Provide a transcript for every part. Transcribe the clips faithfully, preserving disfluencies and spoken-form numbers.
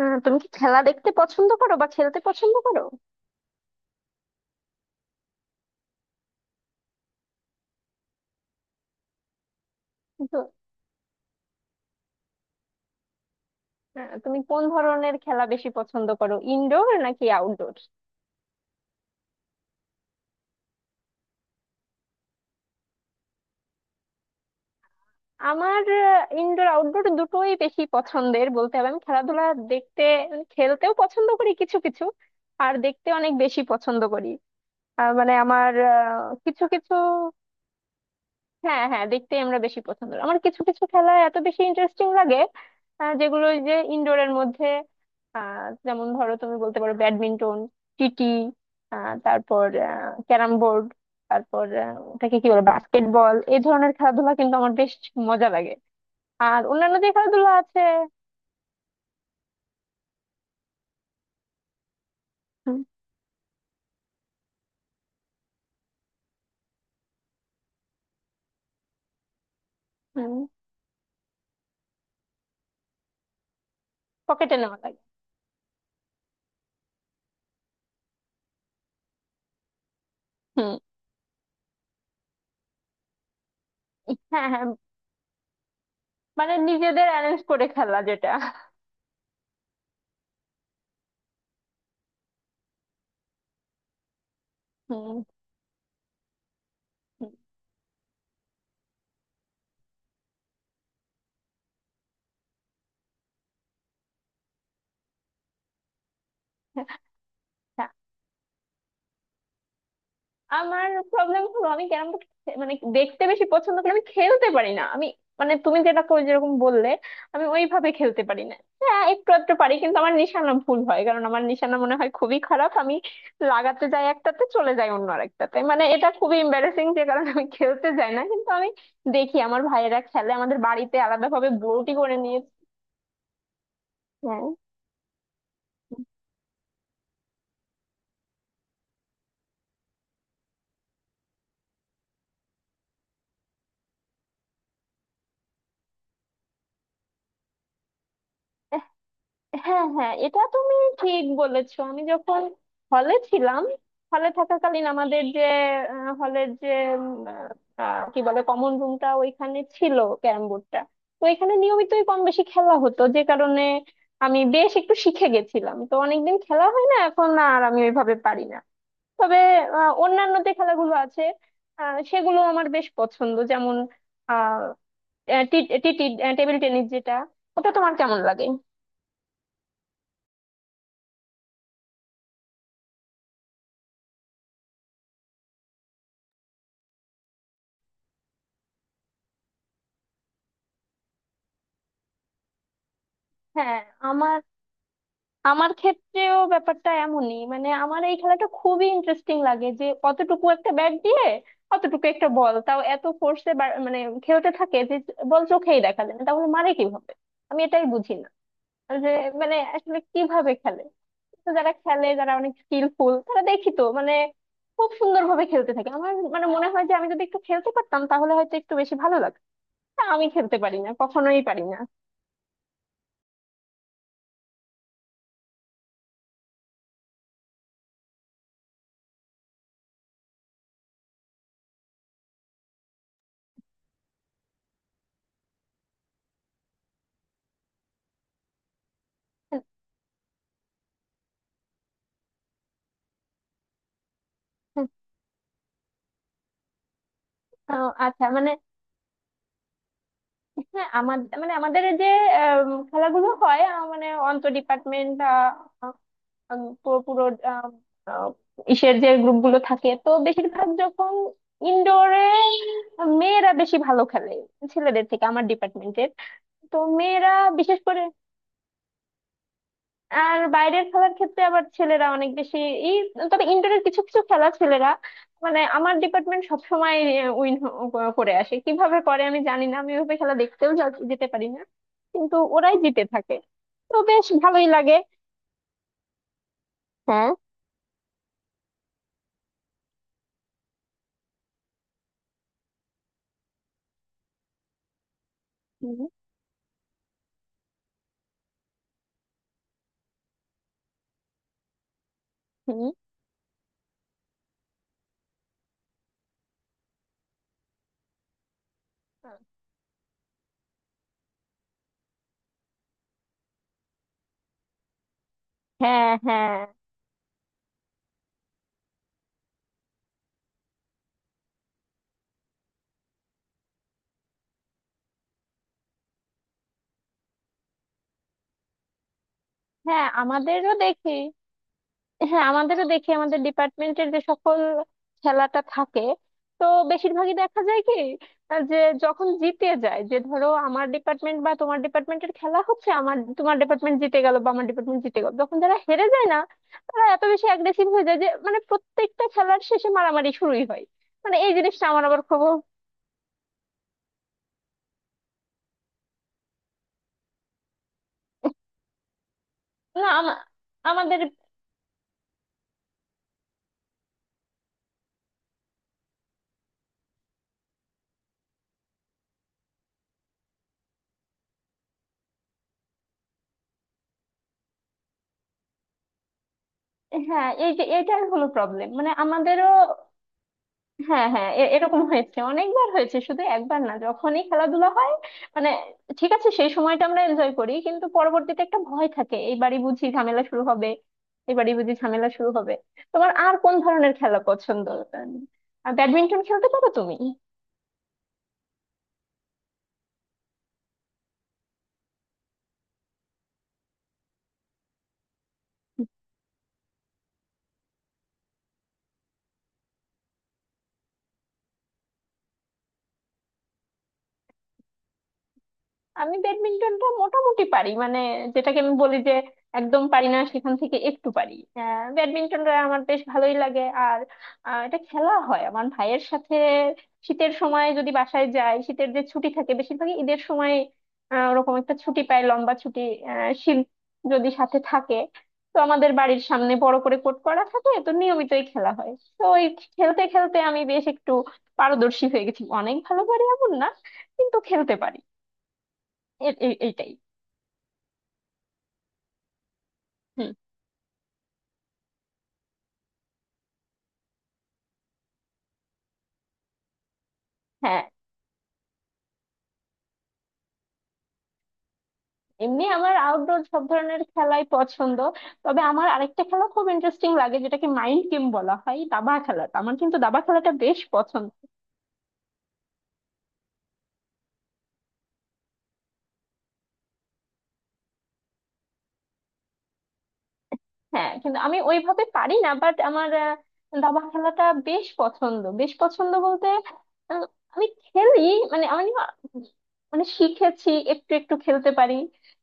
আহ, তুমি কি খেলা দেখতে পছন্দ করো বা খেলতে পছন্দ করো? তো, আহ, তুমি কোন ধরনের খেলা বেশি পছন্দ করো, ইনডোর নাকি আউটডোর? আমার ইনডোর আউটডোর দুটোই বেশি পছন্দের, বলতে হবে আমি খেলাধুলা দেখতে, মানে খেলতেও পছন্দ করি কিছু কিছু আর দেখতে অনেক বেশি পছন্দ করি। আহ, মানে আমার আহ, কিছু কিছু। হ্যাঁ হ্যাঁ, দেখতেই আমরা বেশি পছন্দ করি। আমার কিছু কিছু খেলা এত বেশি ইন্টারেস্টিং লাগে, আহ, যেগুলো ওই যে ইনডোরের মধ্যে, আহ, যেমন ধরো তুমি বলতে পারো ব্যাডমিন্টন, টিটি, আহ, তারপর ক্যারাম বোর্ড, তারপর আহ, ওটাকে কি বলে, বাস্কেটবল, এই ধরনের খেলাধুলা কিন্তু আমার বেশ মজা লাগে। আর অন্যান্য যে খেলাধুলা আছে। পকেটে নেওয়া লাগে। হুম। হ্যাঁ হ্যাঁ, মানে নিজেদের অ্যারেঞ্জ করে খেলা যেটা। হুম। হুম। আমার প্রবলেম হলো আমি ক্যারাম বোর্ড মানে দেখতে বেশি পছন্দ করি, আমি খেলতে পারি না। আমি মানে তুমি যেটা কই যেরকম বললে, আমি ওইভাবে খেলতে পারি না। হ্যাঁ একটু একটু পারি, কিন্তু আমার নিশানা ভুল হয়, কারণ আমার নিশানা মনে হয় খুবই খারাপ। আমি লাগাতে যাই একটাতে, চলে যাই অন্য আরেকটাতে। মানে এটা খুবই এম্বারেসিং, যে কারণে আমি খেলতে যাই না, কিন্তু আমি দেখি আমার ভাইয়েরা খেলে, আমাদের বাড়িতে আলাদাভাবে বোর্ডই করে নিয়েছে। হ্যাঁ হ্যাঁ, এটা তুমি ঠিক বলেছো। আমি যখন হলে ছিলাম, হলে থাকাকালীন আমাদের যে হলের যে উম, আহ, কি বলে কমন রুমটা, ওইখানে ছিল ক্যারাম বোর্ডটা। তো এখানে নিয়মিতই কম বেশি খেলা হতো, যে কারণে আমি বেশ একটু শিখে গেছিলাম। তো অনেকদিন খেলা হয় না এখন, আর আমি ওইভাবে পারি না। তবে আহ, অন্যান্য যে খেলাগুলো আছে, আহ, সেগুলো আমার বেশ পছন্দ, যেমন আহ টেবিল টেনিস, যেটা ওটা তোমার কেমন লাগে? হ্যাঁ। আমার, আমার ক্ষেত্রেও ব্যাপারটা এমনই। মানে আমার এই খেলাটা খুবই ইন্টারেস্টিং লাগে যে অতটুকু একটা ব্যাট দিয়ে, অতটুকু একটা বল, তাও এত ফোর্সে মানে খেলতে থাকে যে বল চোখেই দেখা যায় না, তাহলে মারে কিভাবে, আমি এটাই বুঝি না। যে মানে আসলে কিভাবে খেলে। তো যারা খেলে, যারা অনেক স্কিলফুল, তারা দেখি তো মানে খুব সুন্দরভাবে খেলতে থাকে। আমার মানে মনে হয় যে আমি যদি একটু খেলতে পারতাম তাহলে হয়তো একটু বেশি ভালো লাগতো, তা আমি খেলতে পারি না, কখনোই পারি না। আহ, আচ্ছা, মানে হ্যাঁ আমাদের মানে আমাদের যে আম, খেলাগুলো হয় আহ, মানে অন্তর ডিপার্টমেন্ট বা আহ, আম, পু- পুরো আম, আহ, ইসের যে গ্রুপগুলো থাকে, তো বেশিরভাগ যখন ইনডোরে মেয়েরা বেশি ভালো খেলে ছেলেদের থেকে, আমার ডিপার্টমেন্টের। তো মেয়েরা বিশেষ করে। আর বাইরের খেলার ক্ষেত্রে আবার ছেলেরা অনেক বেশি এই, তবে ইনডোরের কিছু কিছু খেলা ছেলেরা, মানে আমার ডিপার্টমেন্ট সবসময় উইন করে আসে। কিভাবে করে আমি জানি না, আমি ওইভাবে খেলা দেখতেও যা- যেতে পারি না, কিন্তু ওরাই জিতে থাকে। তো বেশ ভালোই লাগে। হ্যাঁ। হুম। হুম। হ্যাঁ, হ্যাঁ, হ্যাঁ, আমাদেরও দেখি। হ্যাঁ আমাদেরও দেখি, আমাদের ডিপার্টমেন্টের যে সকল খেলাটা থাকে, তো বেশিরভাগই দেখা যায় কি আহ, যে যখন জিতে যায়, যে ধরো আমার ডিপার্টমেন্ট বা তোমার ডিপার্টমেন্টের খেলা হচ্ছে, আমার তোমার ডিপার্টমেন্ট জিতে গেল বা আমার ডিপার্টমেন্ট জিতে গেল, যখন যারা হেরে যায় না, তারা এত বেশি অ্যাগ্রেসিভ হয়ে যায় যে মানে প্রত্যেকটা খেলার শেষে মারামারি শুরুই হয়। মানে এই জিনিসটা আমার আবার খুব। না আমা- আমাদের। হ্যাঁ এই যে এটাই হলো প্রবলেম, মানে আমাদেরও। হ্যাঁ হ্যাঁ, এ- এরকম হয়েছে, অনেকবার হয়েছে, শুধু একবার না, যখনই খেলাধুলা হয় মানে, ঠিক আছে সেই সময়টা আমরা এনজয় করি, কিন্তু পরবর্তীতে একটা ভয় থাকে এইবারই বুঝি ঝামেলা শুরু হবে, এবারই বুঝি ঝামেলা শুরু হবে। তোমার আর কোন ধরনের খেলা পছন্দ? আহ, ব্যাডমিন্টন খেলতে পারো তুমি? আমি ব্যাডমিন্টনটা মোটামুটি পারি, মানে যেটাকে আমি বলি যে একদম পারি না সেখান থেকে একটু পারি। আহ, ব্যাডমিন্টনটা আমার বেশ ভালোই লাগে। আর আহ, এটা খেলা হয় আমার ভাইয়ের সাথে, শীতের সময় যদি বাসায় যাই, শীতের যে ছুটি থাকে, বেশিরভাগই ঈদের সময় আহ, ওরকম একটা ছুটি পাই, লম্বা ছুটি, আহ, শীত যদি সাথে থাকে, তো আমাদের বাড়ির সামনে বড় করে কোর্ট করা থাকে, তো নিয়মিতই খেলা হয়। তো ওই খেলতে খেলতে আমি বেশ একটু পারদর্শী হয়ে গেছি, অনেক ভালো পারি এমন না, কিন্তু খেলতে পারি। এ- এ- এইটাই। হুম। হ্যাঁ, এমনি আমার আউটডোর সব ধরনের খেলাই পছন্দ। তবে আমার আরেকটা খেলা খুব ইন্টারেস্টিং লাগে, যেটাকে মাইন্ড গেম বলা হয়, দাবা খেলাটা আমার, কিন্তু দাবা খেলাটা বেশ পছন্দ। হ্যাঁ কিন্তু আমি ওইভাবে পারি না, বাট আমার আহ, দাবা খেলাটা বেশ পছন্দ। বেশ পছন্দ বলতে আহ, আমি খেলি মানে, আমি না মানে শিখেছি, একটু একটু খেলতে পারি,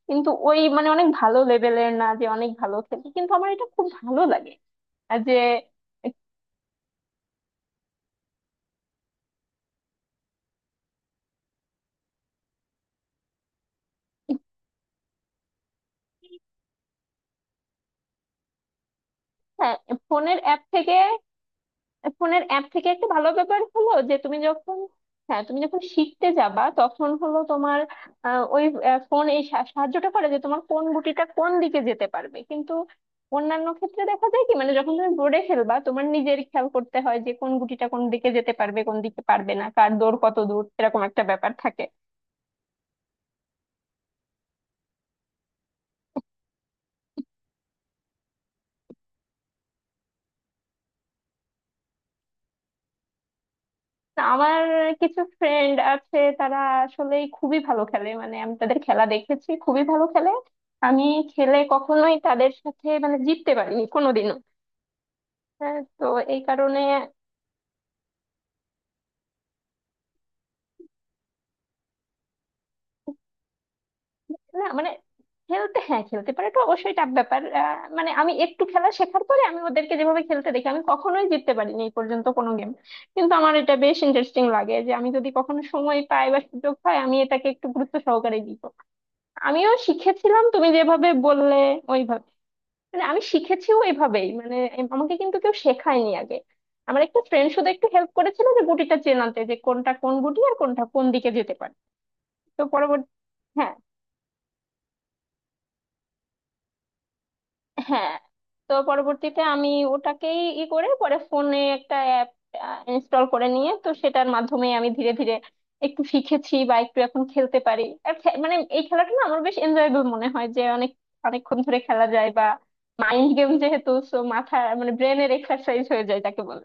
কিন্তু ওই মানে অনেক ভালো লেভেলের না যে অনেক ভালো খেলি, কিন্তু আমার এটা খুব ভালো লাগে। আর যে হ্যাঁ ফোনের অ্যাপ থেকে, ফোনের অ্যাপ থেকে একটা ভালো ব্যাপার হলো যে তুমি যখন, হ্যাঁ তুমি যখন শিখতে যাবা, তখন হলো তোমার আহ, ওই ফোন এই সা- সাহায্যটা করে যে তোমার কোন গুটিটা কোন দিকে যেতে পারবে। কিন্তু অন্যান্য ক্ষেত্রে দেখা যায় কি, মানে যখন তুমি বোর্ডে খেলবা, তোমার নিজের খেয়াল করতে হয় যে কোন গুটিটা কোন দিকে যেতে পারবে, কোন দিকে পারবে না, কার দৌড় কত দূর, এরকম একটা ব্যাপার থাকে। না, আমার কিছু ফ্রেন্ড আছে, তারা আসলে খুবই ভালো খেলে, মানে আমি তাদের খেলা দেখেছি, খুবই ভালো খেলে। আমি খেলে কখনোই তাদের সাথে মানে জিততে পারিনি কোনোদিনও। হ্যাঁ, তো এই কারণে। না মানে খেলতে, হ্যাঁ খেলতে পারে তো অবশ্যই টাফ ব্যাপার। আহ, মানে আমি একটু খেলা শেখার পরে আমি ওদেরকে যেভাবে খেলতে দেখি, আমি কখনোই জিততে পারিনি এই পর্যন্ত কোনো গেম। কিন্তু আমার এটা বেশ ইন্টারেস্টিং লাগে, যে আমি যদি কখনো সময় পাই বা সুযোগ পাই, আমি এটাকে একটু গুরুত্ব সহকারে দিব। আমিও শিখেছিলাম তুমি যেভাবে বললে ওইভাবে, মানে আমি শিখেছিও এভাবেই, মানে এম- আমাকে কিন্তু কেউ শেখায়নি আগে। আমার একটা ফ্রেন্ড শুধু একটু হেল্প করেছিল যে গুটিটা চেনাতে, যে কোনটা কোন গুটি আর কোনটা কোন দিকে যেতে পারে। তো পরবর্তী, হ্যাঁ, হ্যাঁ, তো পরবর্তীতে আমি ওটাকেই ই করে পরে ফোনে একটা অ্যাপ ইনস্টল করে নিয়ে, তো সেটার মাধ্যমে আমি ধীরে ধীরে একটু শিখেছি, বা একটু এখন খেলতে পারি। আর খে- মানে এই খেলাটা না আমার বেশ এনজয়েবল মনে হয়, যে অনেক অনেকক্ষণ ধরে খেলা যায়, বা মাইন্ড গেম যেহেতু সো মাথা মানে ব্রেনের এক্সারসাইজ হয়ে যায়, যাকে বলে।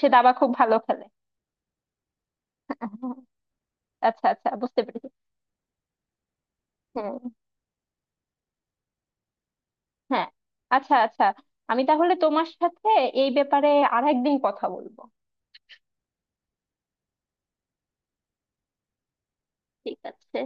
সে দাবা খুব ভালো খেলে। আচ্ছা আচ্ছা, বুঝতে পেরেছি। হ্যাঁ। হ্যাঁ, আচ্ছা আচ্ছা। আমি তাহলে তোমার সাথে এই ব্যাপারে আরেকদিন কথা বলবো। ঠিক আছে।